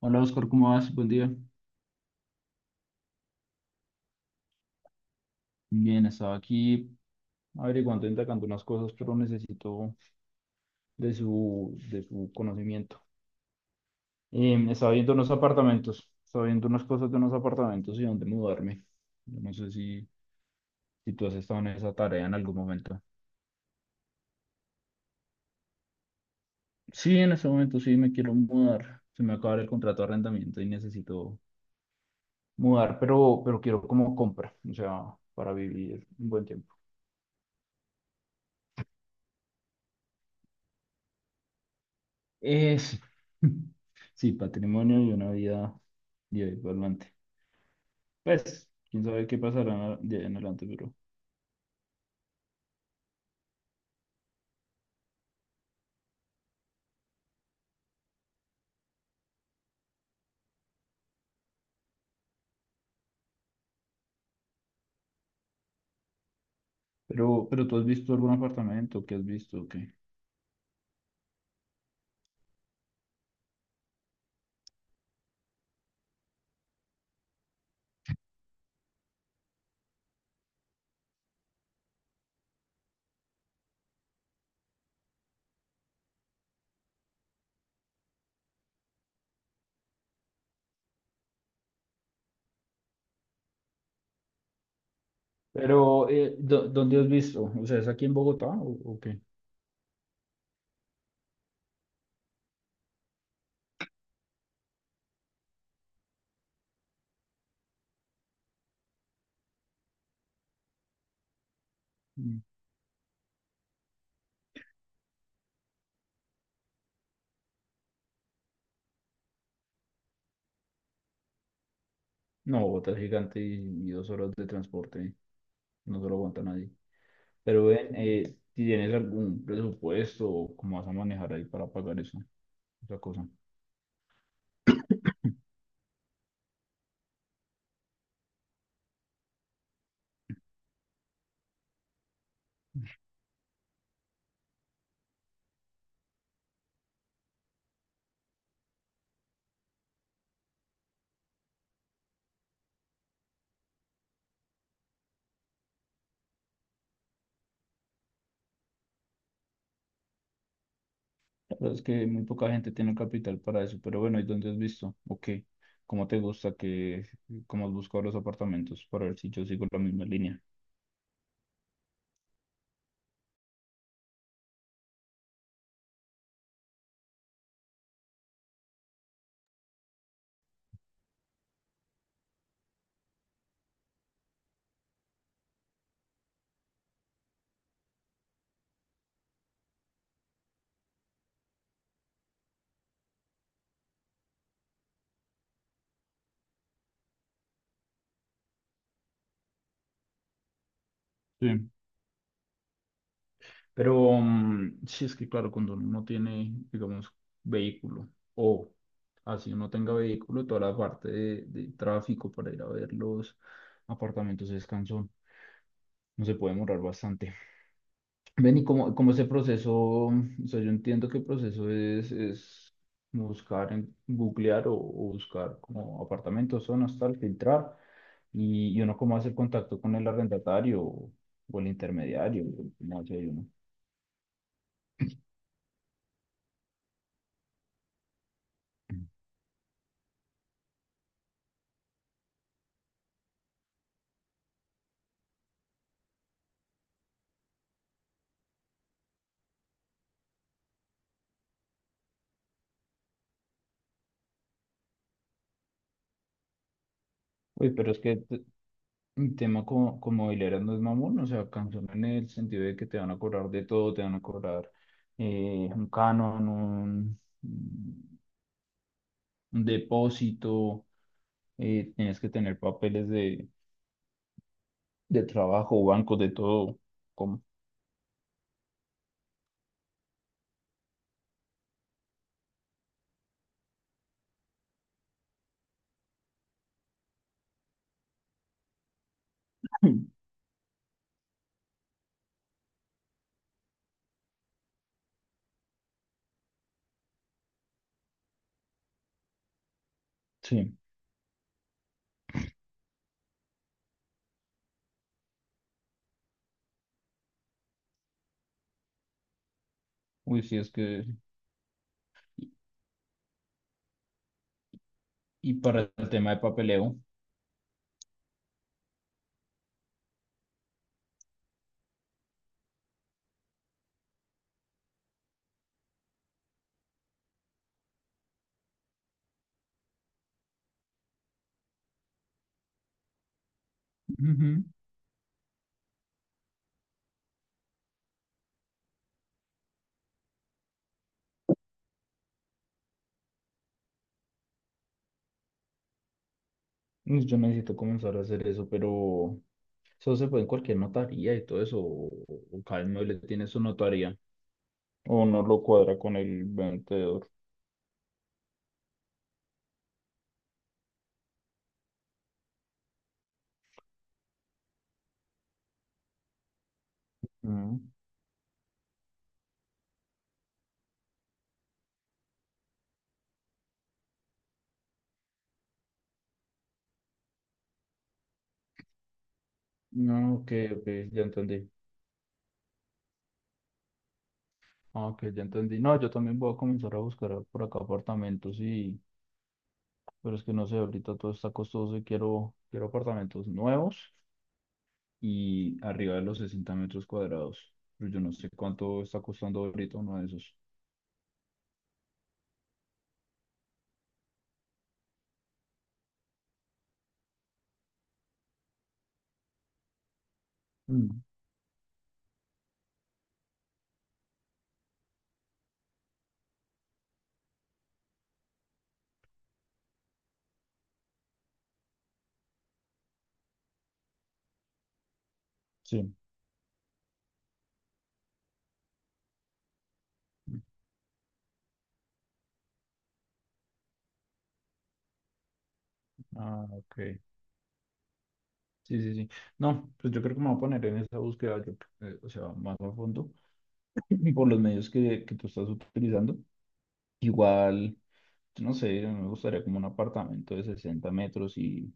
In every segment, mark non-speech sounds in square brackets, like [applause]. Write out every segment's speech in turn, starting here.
Hola Oscar, ¿cómo vas? Buen día. Bien, estaba aquí averiguando, indagando unas cosas, pero necesito de su conocimiento. Estaba viendo unos apartamentos, estaba viendo unas cosas de unos apartamentos y dónde mudarme. Yo no sé si tú has estado en esa tarea en algún momento. Sí, en este momento sí me quiero mudar. Se me acaba el contrato de arrendamiento y necesito mudar, pero quiero como compra, o sea, para vivir un buen tiempo. Es, [laughs] sí, patrimonio y una vida de ahí para adelante. Pues, quién sabe qué pasará de ahí en adelante, pero tú has visto algún apartamento, ¿qué has visto? ¿Qué? Pero, ¿dónde has visto? O sea, ¿es aquí en Bogotá o qué? Mm. No, Bogotá es gigante y dos horas de transporte, no se lo aguanta nadie. Pero ven, si tienes algún presupuesto, o ¿cómo vas a manejar ahí para pagar eso, esa cosa? [coughs] La verdad es que muy poca gente tiene capital para eso, pero bueno, ¿y dónde has visto? ¿O qué? ¿Cómo te gusta cómo has buscado los apartamentos para ver si yo sigo la misma línea? Sí, pero sí es que claro, cuando uno no tiene, digamos, vehículo o así uno tenga vehículo, toda la parte de tráfico para ir a ver los apartamentos es cansón, no se puede demorar bastante. Ven, ¿cómo ese proceso? O sea, yo entiendo que el proceso es buscar, en, googlear o buscar como apartamentos, zonas, tal, filtrar, y uno cómo hace el contacto con el arrendatario o el intermediario, o cómo hace uno. Uy, pero es que un tema como, como mobiliario no es mamón, o sea, cansón en el sentido de que te van a cobrar de todo, te van a cobrar un canon, un depósito, tienes que tener papeles de trabajo, bancos, de todo. Como sí. Uy, sí, es que... Y para el tema de papeleo, ujú, pues yo necesito comenzar a hacer eso, pero eso se puede en cualquier notaría y todo eso, o cada inmueble tiene su notaría, o no lo cuadra con el vendedor. Mm. No, ok, ok, ya entendí. Ah, ok, ya entendí. No, yo también voy a comenzar a buscar por acá apartamentos y, pero es que no sé, ahorita todo está costoso y quiero apartamentos nuevos y arriba de los 60 metros cuadrados. Pero yo no sé cuánto está costando ahorita uno de esos. Mm, sí. Ah, ok. Sí, sí, sí. No, pues yo creo que me voy a poner en esa búsqueda, yo, o sea, más a fondo, [clears throat] por los medios que tú estás utilizando. Igual, yo no sé, me gustaría como un apartamento de 60 metros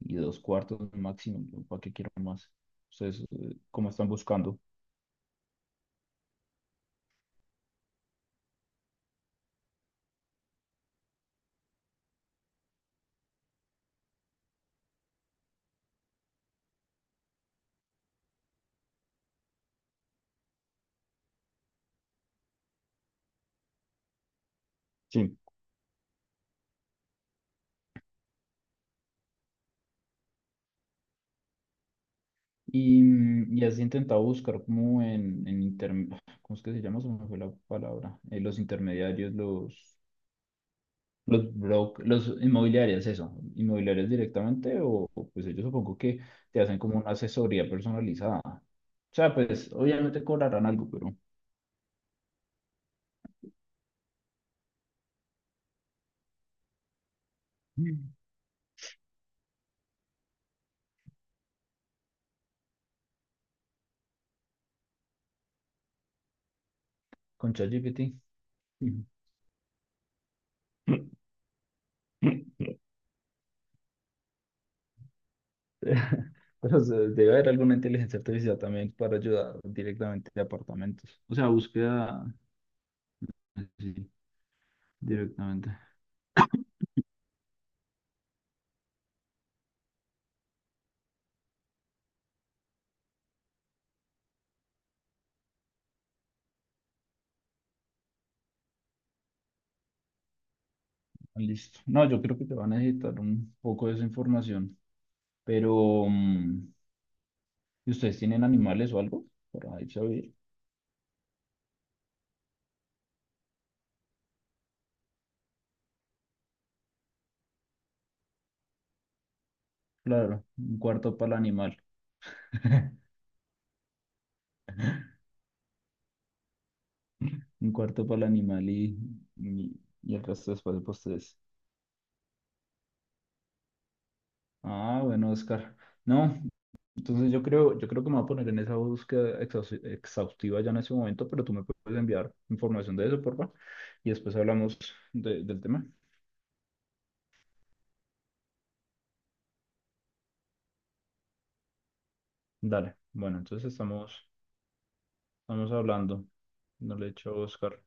y dos cuartos máximo. ¿No? ¿Para qué quiero más? Ustedes, ¿cómo están buscando? Sí. Y, y has intentado buscar como en internet, [sighs] ¿cómo es que se llama? Se me fue la palabra. Los intermediarios, los brokers, los inmobiliarios, eso, inmobiliarios directamente, o, pues ellos supongo que te hacen como una asesoría personalizada. O sea, pues obviamente cobrarán algo, pero mm, con ChatGPT. Mm. [laughs] Debe haber alguna inteligencia artificial también para ayudar directamente de apartamentos. O sea, búsqueda, sí, directamente. Listo. No, yo creo que te van a necesitar un poco de esa información, pero mm, ¿y ¿ustedes tienen animales o algo? Para irse a vivir. Claro, un cuarto para el animal. [laughs] Un cuarto para el animal y el resto después para ustedes. Ah, bueno, Oscar. No, entonces yo creo que me voy a poner en esa búsqueda exhaustiva ya en ese momento, pero tú me puedes enviar información de eso, porfa, y después hablamos del tema. Dale, bueno, entonces estamos, estamos hablando. No le echo Oscar.